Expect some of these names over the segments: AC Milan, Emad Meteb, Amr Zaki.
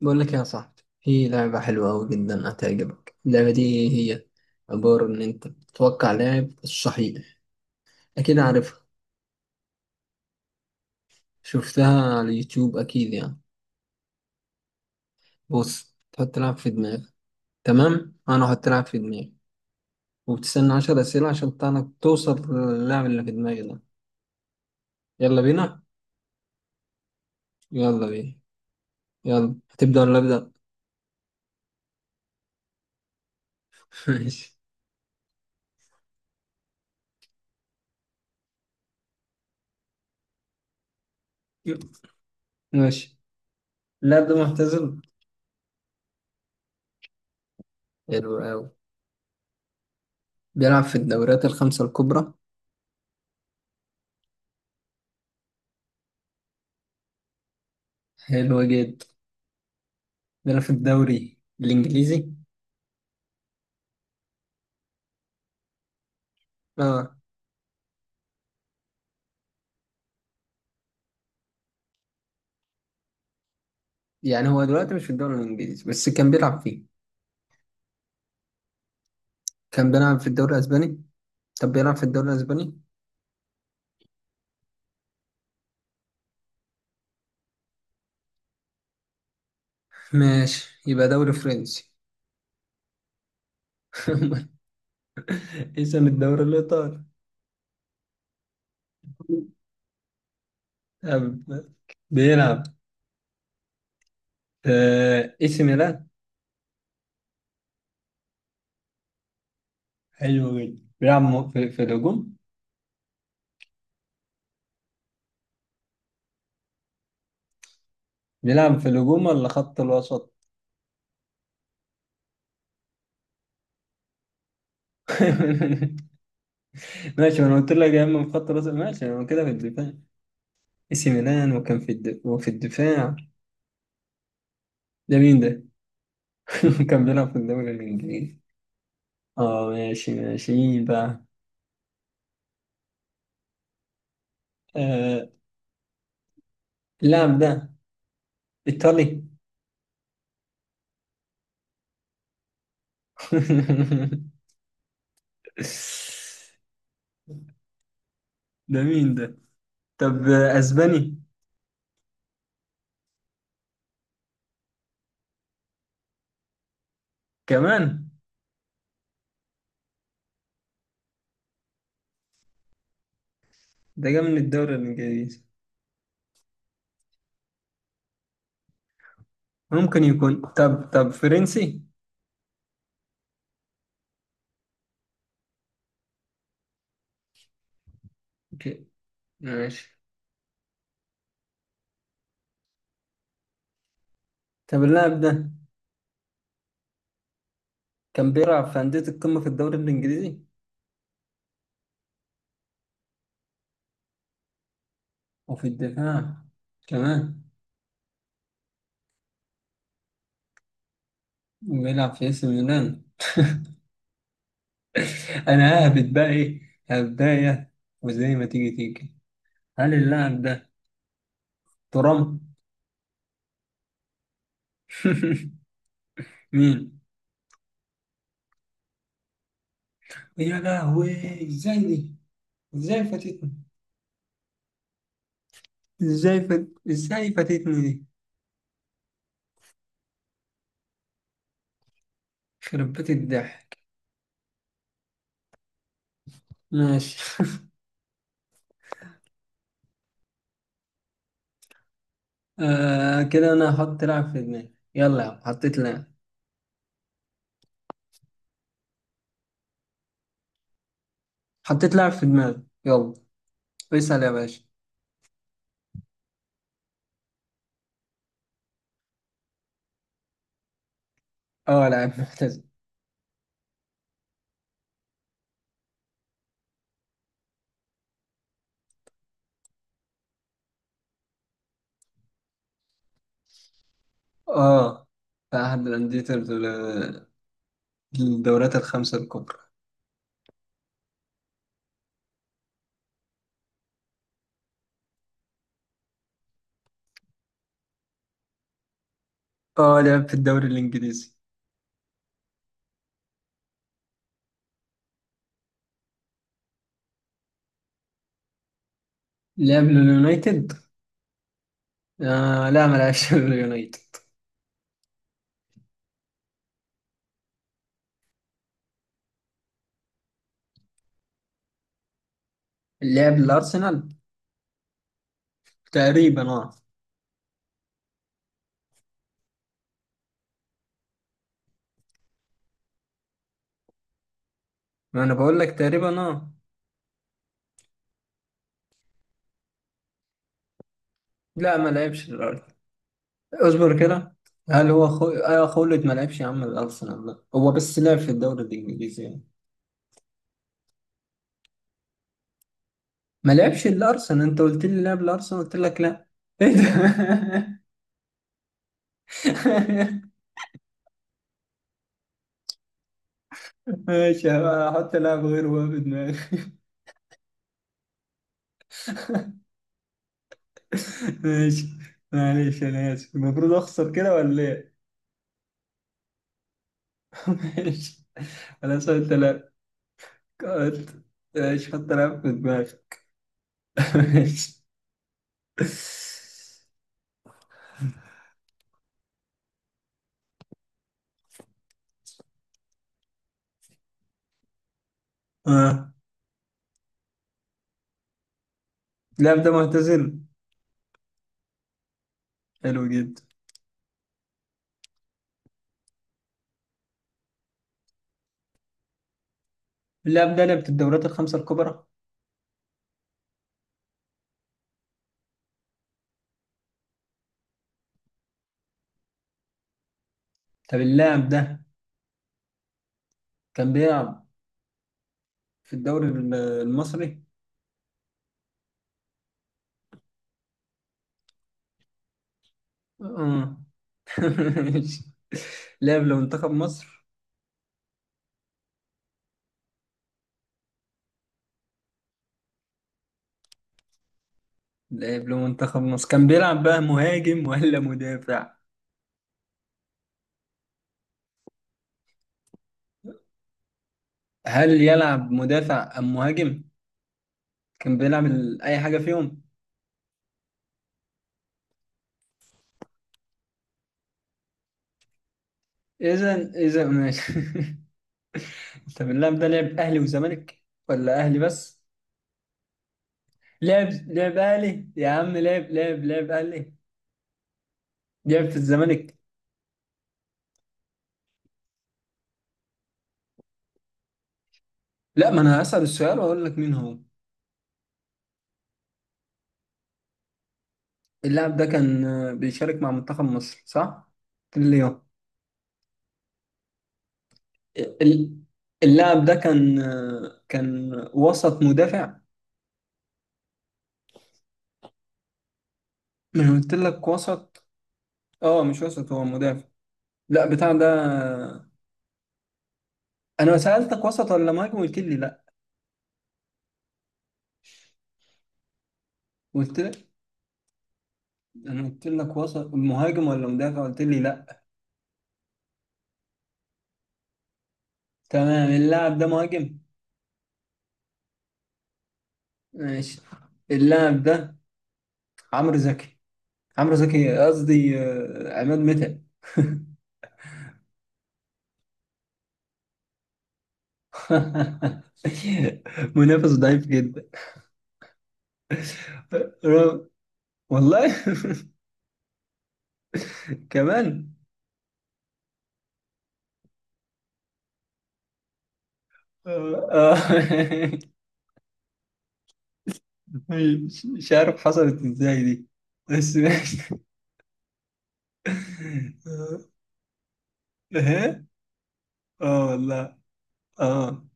بقول لك يا صاحبي، في لعبة حلوة أوي جدا هتعجبك. اللعبة دي هي عبارة إن أنت تتوقع لاعب الصحيح. أكيد عارفها، شفتها على اليوتيوب أكيد يعني. بص، تحط لاعب في دماغك. تمام، أنا أحط لاعب في دماغي وبتستنى 10 أسئلة عشان تعرف توصل للاعب اللي في دماغي ده. يلا بينا. يلا بينا. يلا، هتبدأ ولا أبدأ؟ ماشي. ماشي. اللاعب ده معتزل؟ حلو أوي. بيلعب في الدوريات الخمسة الكبرى؟ حلو جدا. ده في الدوري الانجليزي؟ اه. يعني هو دلوقتي مش في الدوري الانجليزي بس كان بيلعب فيه. كان بيلعب في الدوري الاسباني؟ طب بيلعب في الدوري الاسباني؟ ماشي، يبقى دوري فرنسي؟ اسم الدوري الايطالي. طب بيلعب في اي سي ميلان؟ حلو جدا. بيلعب في الهجوم؟ بيلعب في الهجوم ولا خط الوسط؟ ماشي، ما انا قلت لك يا اما في خط الوسط ماشي انا كده في الدفاع. اي سي ميلان وكان في الدفاع. ده مين ده؟ كان بيلعب في الدوري الإنجليزي. اه، ماشي ماشي مين بقى؟ آه اللاعب ده إيطالي؟ ده مين ده؟ طب أسباني كمان؟ ده جاي من الدوري الإنجليزي. ممكن يكون؟ طب فرنسي؟ اوكي، ماشي. طب اللاعب ده كان بيلعب في أندية القمة في الدوري الإنجليزي وفي الدفاع كمان وبيلعب في AC ميلان. أنا ههبط بقى إيه؟ هبداية. وزي ما تيجي تيجي. هل اللاعب ده ترام؟ مين؟ يا لهوي، ازاي دي؟ ازاي فاتتني؟ ازاي فاتتني دي؟ خربت الضحك. ماشي. كده انا هحط لاعب في دماغي، يلا يا عم، حطيت لاعب. حطيت لاعب في دماغي، يلا اسأل يا باشا. اه لاعب محترف. اه، في احد الاندية الدورات الخمسة الكبرى. اه، لعب في الدوري الانجليزي. لعب لليونايتد؟ لا، ما لعبش لليونايتد. لعب الأرسنال تقريبا اه. ما أنا بقول لك تقريبا اه. لا، ما لعبش الأرسنال. اصبر كده. هل هو خو... آه خولد ما لعبش يا عم الأرسنال، لا هو بس لعب في الدوري الإنجليزي يعني. ما لعبش الأرسنال، أنت قلت لي لعب الأرسنال قلت لك لا. إيه ده؟ ماشي، هحط لاعب غيره بقى في دماغي. ماشي. معلش أنا آسف، المفروض أخسر كده ولا إيه؟ ماشي. أنا سألت لاعب. قلت ماشي، حط لاعب في دماغي. ماشي. اه، اللاعب ده معتزل. حلو جدا. اللاعب ده لعب في الدوريات الخمسة الكبرى. طب اللاعب ده كان بيلعب في الدوري المصري. اه. ماشي. لعب لمنتخب مصر. لعب لمنتخب مصر، كان بيلعب بقى مهاجم ولا مدافع؟ هل يلعب مدافع ام مهاجم؟ كان بيلعب اي حاجة فيهم. اذا ماشي. طب اللاعب ده لعب اهلي وزمالك ولا اهلي بس؟ لعب اهلي يا عم، لعب اهلي. لعب في الزمالك. لا، ما انا هسأل السؤال واقول لك مين هو. اللاعب ده كان بيشارك مع منتخب مصر، صح؟ كل يوم. ال- اللاعب ده كان كان وسط مدافع. من قلت لك وسط؟ اه، مش وسط، هو مدافع. لا بتاع ده. انا سألتك وسط ولا مهاجم قلت لي لا. قلت لك. انا قلت لك وسط مهاجم ولا مدافع قلت لي لا. تمام، اللاعب ده مهاجم. ماشي، اللاعب ده عمرو زكي. عمرو زكي قصدي عماد متعب. منافس ضعيف جدا. رو- والله. كمان. آه، آه. مش عارف حصلت ازاي دي. بس ماشي. آه، ها. اه والله. اه.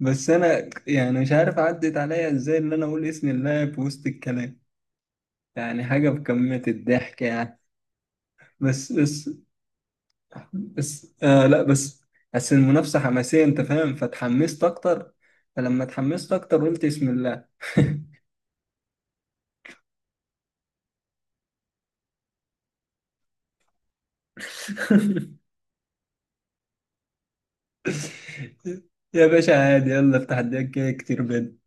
بس انا يعني مش عارف عدت عليا ازاي ان انا اقول اسم اللاعب في وسط الكلام. يعني حاجه بكميه الضحك يعني. بس بس بس آه لا بس بس المنافسة حماسية انت فاهم، فتحمست اكتر. فلما اتحمست اكتر قلت بسم الله. يا باشا عادي، يلا افتح الدنيا كده كتير بيض